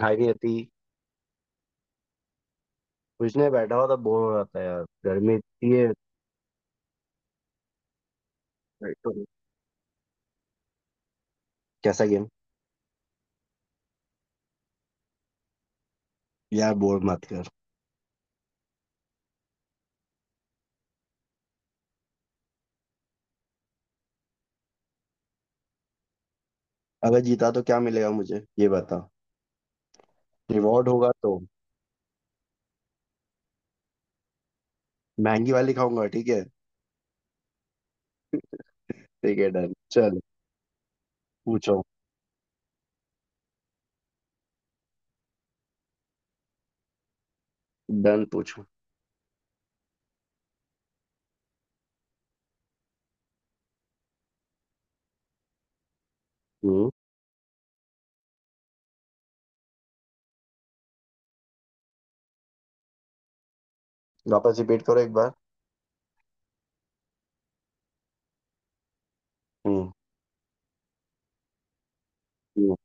खाई नहीं आती। कुछ नहीं, बैठा हुआ था, बोर हो रहा था यार, गर्मी इतनी है। बैठो। कैसा गेम? यार, बोर मत कर। अगर जीता तो क्या मिलेगा मुझे ये बता। रिवॉर्ड होगा तो। महंगी वाली खाऊंगा, ठीक है। ठीक है, डन, चल। पूछो। डन, पूछो। हम्म वापस रिपीट करो एक बार। हम्म, हम्म।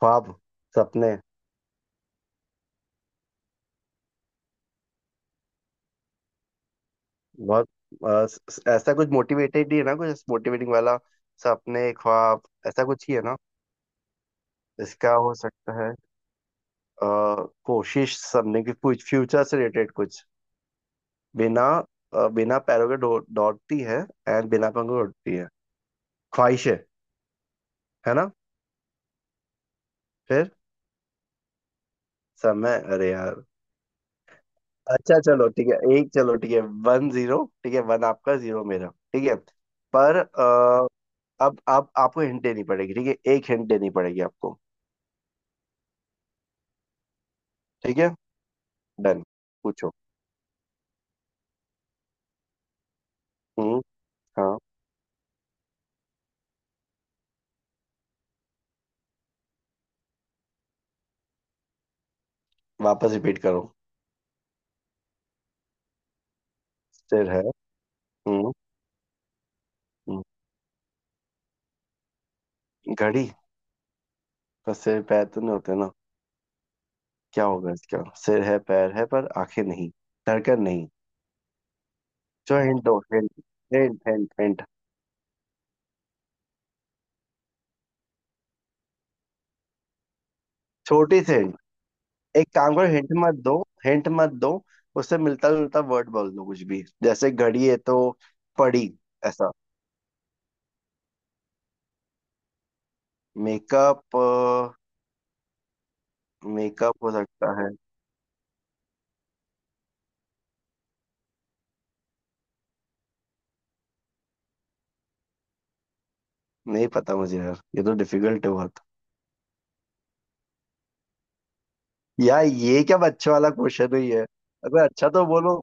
ख्वाब, सपने। बहुत। ऐसा कुछ मोटिवेटेड ही है ना, कुछ मोटिवेटिंग वाला। सपने, ख्वाब, ऐसा कुछ ही है ना। इसका हो सकता है। अ, कोशिश सबने की, कुछ फ्यूचर से रिलेटेड कुछ। बिना बिना पैरों के दौड़ती है, एंड बिना पंखों के उड़ती है। ख्वाहिशें। है ना? फिर? समय? अरे यार। अच्छा चलो ठीक है, एक। चलो, ठीक है, 1-0, ठीक है, वन आपका जीरो मेरा, ठीक है। पर अब आप आपको हिंट देनी पड़ेगी, ठीक है, एक हिंट देनी पड़ेगी आपको। ठीक है, डन, पूछो। हम्म, हाँ। वापस रिपीट करो। सिर है। हम्म हम्म, घड़ी। पर सिर पैर तो नहीं होते ना। क्या होगा इसका? सिर है, पैर है, पर आंखें नहीं, धड़कन नहीं। जो हिंट दो, हिंट। Hint, hint, hint. छोटी सी हिंट। एक काम करो, हिंट मत दो। हिंट मत दो। उससे मिलता जुलता वर्ड बोल दो, कुछ भी। जैसे घड़ी है तो पड़ी, ऐसा। मेकअप। मेकअप हो सकता है। नहीं पता मुझे यार, ये तो डिफिकल्ट है बहुत। यार, ये क्या बच्चों वाला क्वेश्चन ही है। अगर अच्छा तो बोलो।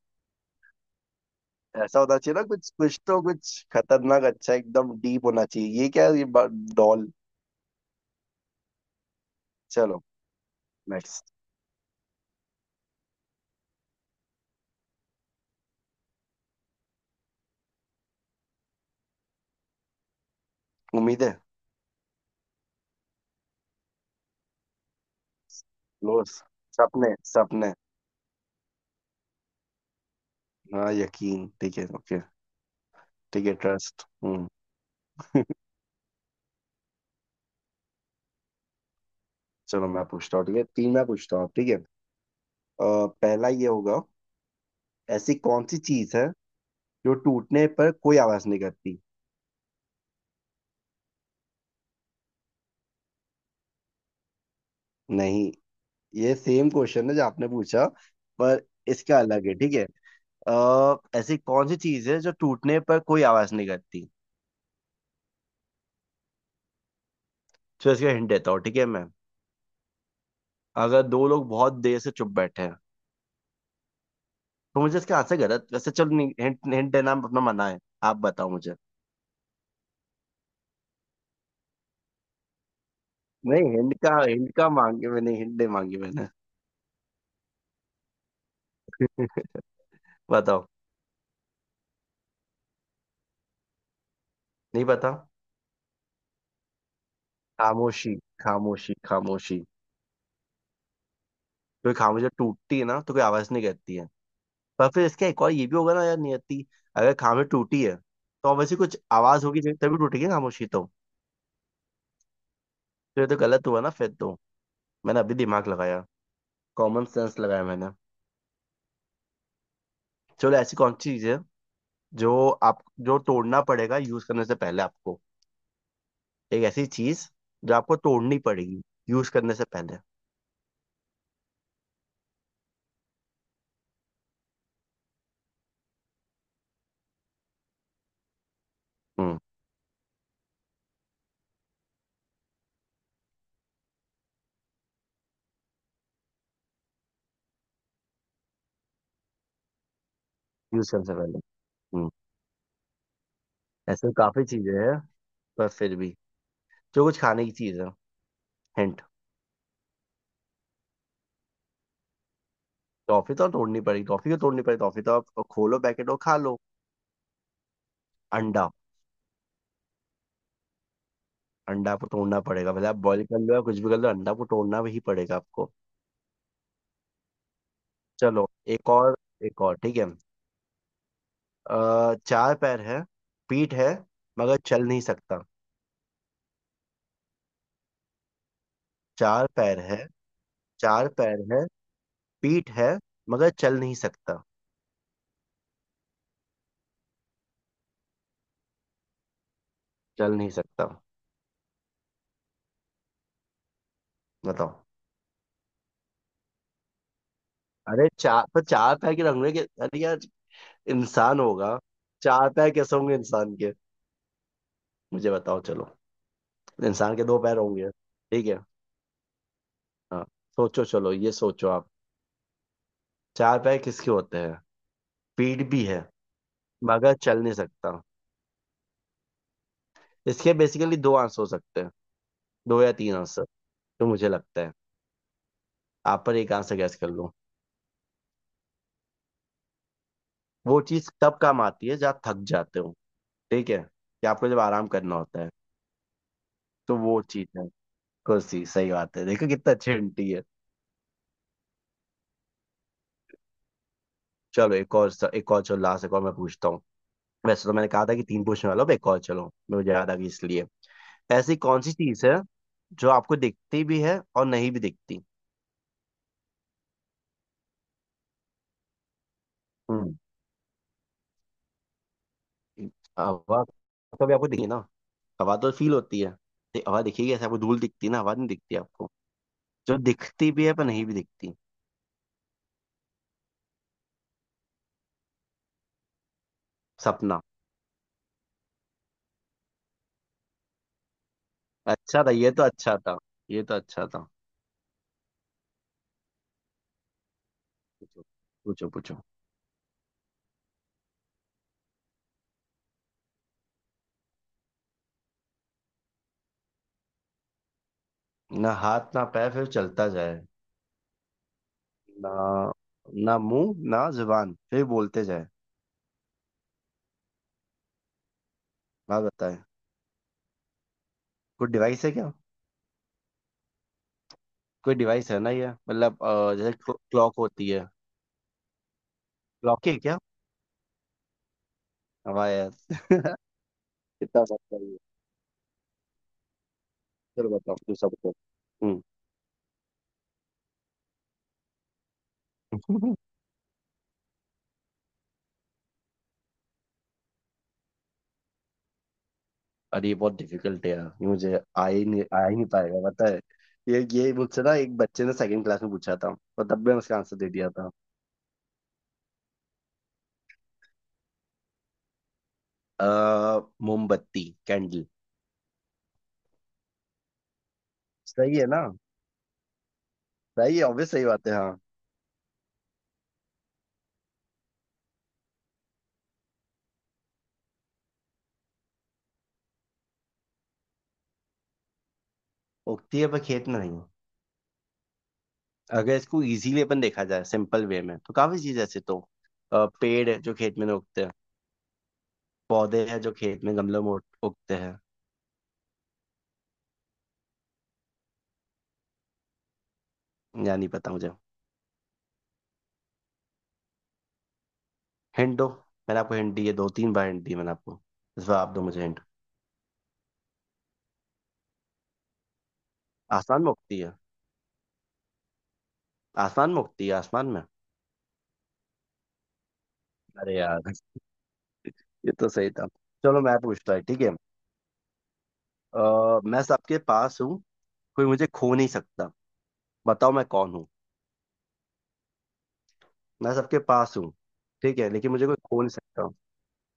ऐसा होना चाहिए ना कुछ, कुछ तो कुछ खतरनाक अच्छा, एकदम डीप होना चाहिए। ये क्या है? ये डॉल। चलो, नेक्स्ट। उम्मीदें। क्लोज। सपने, सपने। हाँ, यकीन, ठीक है, ओके। ठीक है, ट्रस्ट। चलो मैं पूछता हूँ, ठीक है, तीन मैं पूछता हूँ, ठीक है। अ, पहला ये होगा। ऐसी कौन सी चीज है जो टूटने पर कोई आवाज नहीं करती? नहीं। ये सेम क्वेश्चन है जो आपने पूछा, पर इसका अलग है, ठीक है। ऐसी कौन सी चीज है जो टूटने पर कोई आवाज नहीं करती? तो इसका हिंट देता हूँ, ठीक है मैं। अगर दो लोग बहुत देर से चुप बैठे हैं, तो मुझे इसके हाथ से गलत। वैसे चलो, नहीं, हिंट, हिंट देना अपना मना है। आप बताओ मुझे। नहीं, हिंट का, हिंट का मांगे मैंने? हिंट नहीं मांगी मैंने। बताओ। नहीं पता। खामोशी, खामोशी, खामोशी। कोई खामोशी जब टूटती है ना, तो कोई आवाज नहीं करती है। पर फिर इसका एक और ये भी होगा ना यार, नियति। अगर खामोशी टूटी है, तो वैसे कुछ आवाज होगी तभी टूटेगी ना, खामोशी तो। तो ये तो गलत हुआ ना फिर तो। मैंने अभी दिमाग लगाया, कॉमन सेंस लगाया मैंने। चलो, ऐसी कौन सी चीज है जो आप, जो तोड़ना पड़ेगा यूज करने से पहले आपको? एक ऐसी चीज जो आपको तोड़नी पड़ेगी यूज करने से पहले। हम्म यूज करने से पहले। हम्म। ऐसे काफी चीजें हैं, पर फिर भी। जो कुछ खाने की चीज है, हिंट। टॉफी तो तोड़नी पड़ेगी? टॉफी क्यों तोड़नी पड़ेगी? टॉफी तो आप खोलो पैकेट और खा लो। अंडा। अंडा आपको तोड़ना पड़ेगा, भले आप बॉईल कर लो या कुछ भी कर लो, अंडा को तोड़ना भी पड़ेगा आपको। चलो, एक और। एक और, ठीक है। चार पैर है, पीठ है, मगर चल नहीं सकता। चार पैर है। चार पैर है, पीठ है, मगर चल नहीं सकता, चल नहीं सकता। बताओ। अरे चार पर, चार पैर के रंगने के, अरे यार। इंसान होगा? चार पैर कैसे होंगे इंसान के? मुझे बताओ, चलो। इंसान के दो पैर होंगे, ठीक है। हाँ। सोचो चलो, ये सोचो आप। चार पैर किसके होते हैं? पीठ भी है, मगर चल नहीं सकता। इसके बेसिकली दो आंसर हो सकते हैं, दो या तीन आंसर। तो मुझे लगता है आप पर एक आंसर गैस कर लो। वो चीज तब काम आती है जब थक जाते हो, ठीक है, कि आपको जब आराम करना होता है, तो वो चीज है। कुर्सी। सही बात है, देखो कितना अच्छी हिंट। चलो एक और, एक और चलो, लास्ट एक और मैं पूछता हूँ। वैसे तो मैंने कहा था कि तीन पूछने वाला हूँ, अब एक और चलो, मुझे याद आ गई इसलिए। ऐसी कौन सी चीज है जो आपको दिखती भी है और नहीं भी दिखती? हम्म। हवा तो भी आपको दिखी ना? हवा तो फील होती है। हवा दिखेगी ऐसे आपको? धूल दिखती है ना, हवा नहीं दिखती आपको। जो दिखती भी है पर नहीं भी दिखती। सपना। अच्छा था, ये तो अच्छा था। ये तो अच्छा था। पूछो। पूछो, पूछो। ना हाथ ना पैर फिर चलता जाए ना, ना मुंह ना जुबान फिर बोलते जाए, बात बताएं। कोई डिवाइस है क्या? कोई डिवाइस है ना, ये मतलब जैसे क्लॉक होती है। क्लॉक है क्या? हमारे यार कितना बात करिए। चलो बताओ, दूसरा बताओ। हम्म। अरे ये बहुत डिफिकल्ट है यार, ये मुझे आ ही नहीं, आ ही नहीं पाएगा, पता है। ये मुझसे ना एक बच्चे ने सेकंड क्लास में पूछा था, और तब मैंने उसका आंसर दे दिया था। अ, मोमबत्ती, कैंडल। सही है ना? सही है, ऑब्वियस, सही बात है, हाँ। उगती है पर खेत में नहीं। अगर इसको इजीली अपन देखा जाए सिंपल वे में, तो काफी चीज ऐसे तो। पेड़ है जो खेत में उगते हैं, पौधे हैं जो खेत में गमलों में उगते हैं, या नहीं पता मुझे। हिंट दो। मैंने आपको हिंट दी है, दो तीन बार हिंट दी मैंने आपको, इस बार आप दो मुझे हिंट। आसमान में उगती है, आसमान में उगती है, आसमान में? अरे यार ये तो सही था। चलो मैं पूछता है, ठीक है। मैं सबके पास हूँ, कोई मुझे खो नहीं सकता। बताओ मैं कौन हूँ। मैं सबके पास हूँ, ठीक है, लेकिन मुझे कोई खो नहीं सकता।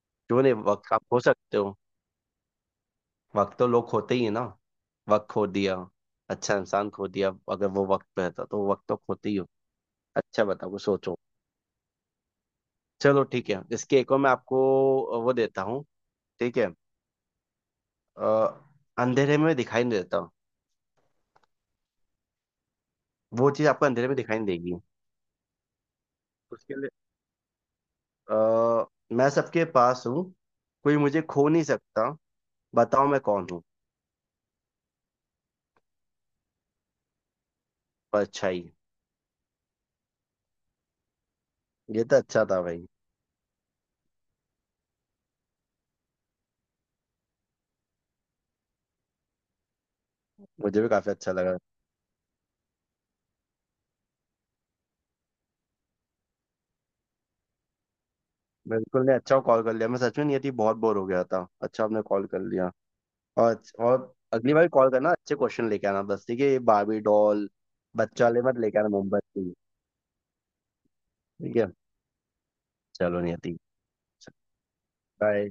क्यों नहीं? वक्त आप खो सकते हो? वक्त तो लोग खोते ही है ना, वक्त खो दिया। अच्छा इंसान खो दिया, अगर वो वक्त पे रहता तो, वक्त तो खोते ही हो। अच्छा बताओ, कुछ सोचो। चलो ठीक है, इसके एक और मैं आपको वो देता हूँ, ठीक है। अ, अंधेरे में दिखाई नहीं देता, वो चीज आपको अंधेरे में दिखाई नहीं देगी, उसके लिए। अ, मैं सबके पास हूँ, कोई मुझे खो नहीं सकता। बताओ मैं कौन हूँ। परछाई। ये तो अच्छा था भाई। मुझे भी काफी अच्छा लगा। बिल्कुल नहीं, अच्छा कॉल कर लिया, मैं सच में नहीं थी, बहुत बोर हो गया था, अच्छा आपने कॉल कर लिया। और अगली बार कॉल करना, अच्छे क्वेश्चन लेके आना बस, ठीक है? ये बारबी डॉल बच्चा वाले मत लेके आना मुंबई से। ठीक है। चलो नियति, बाय।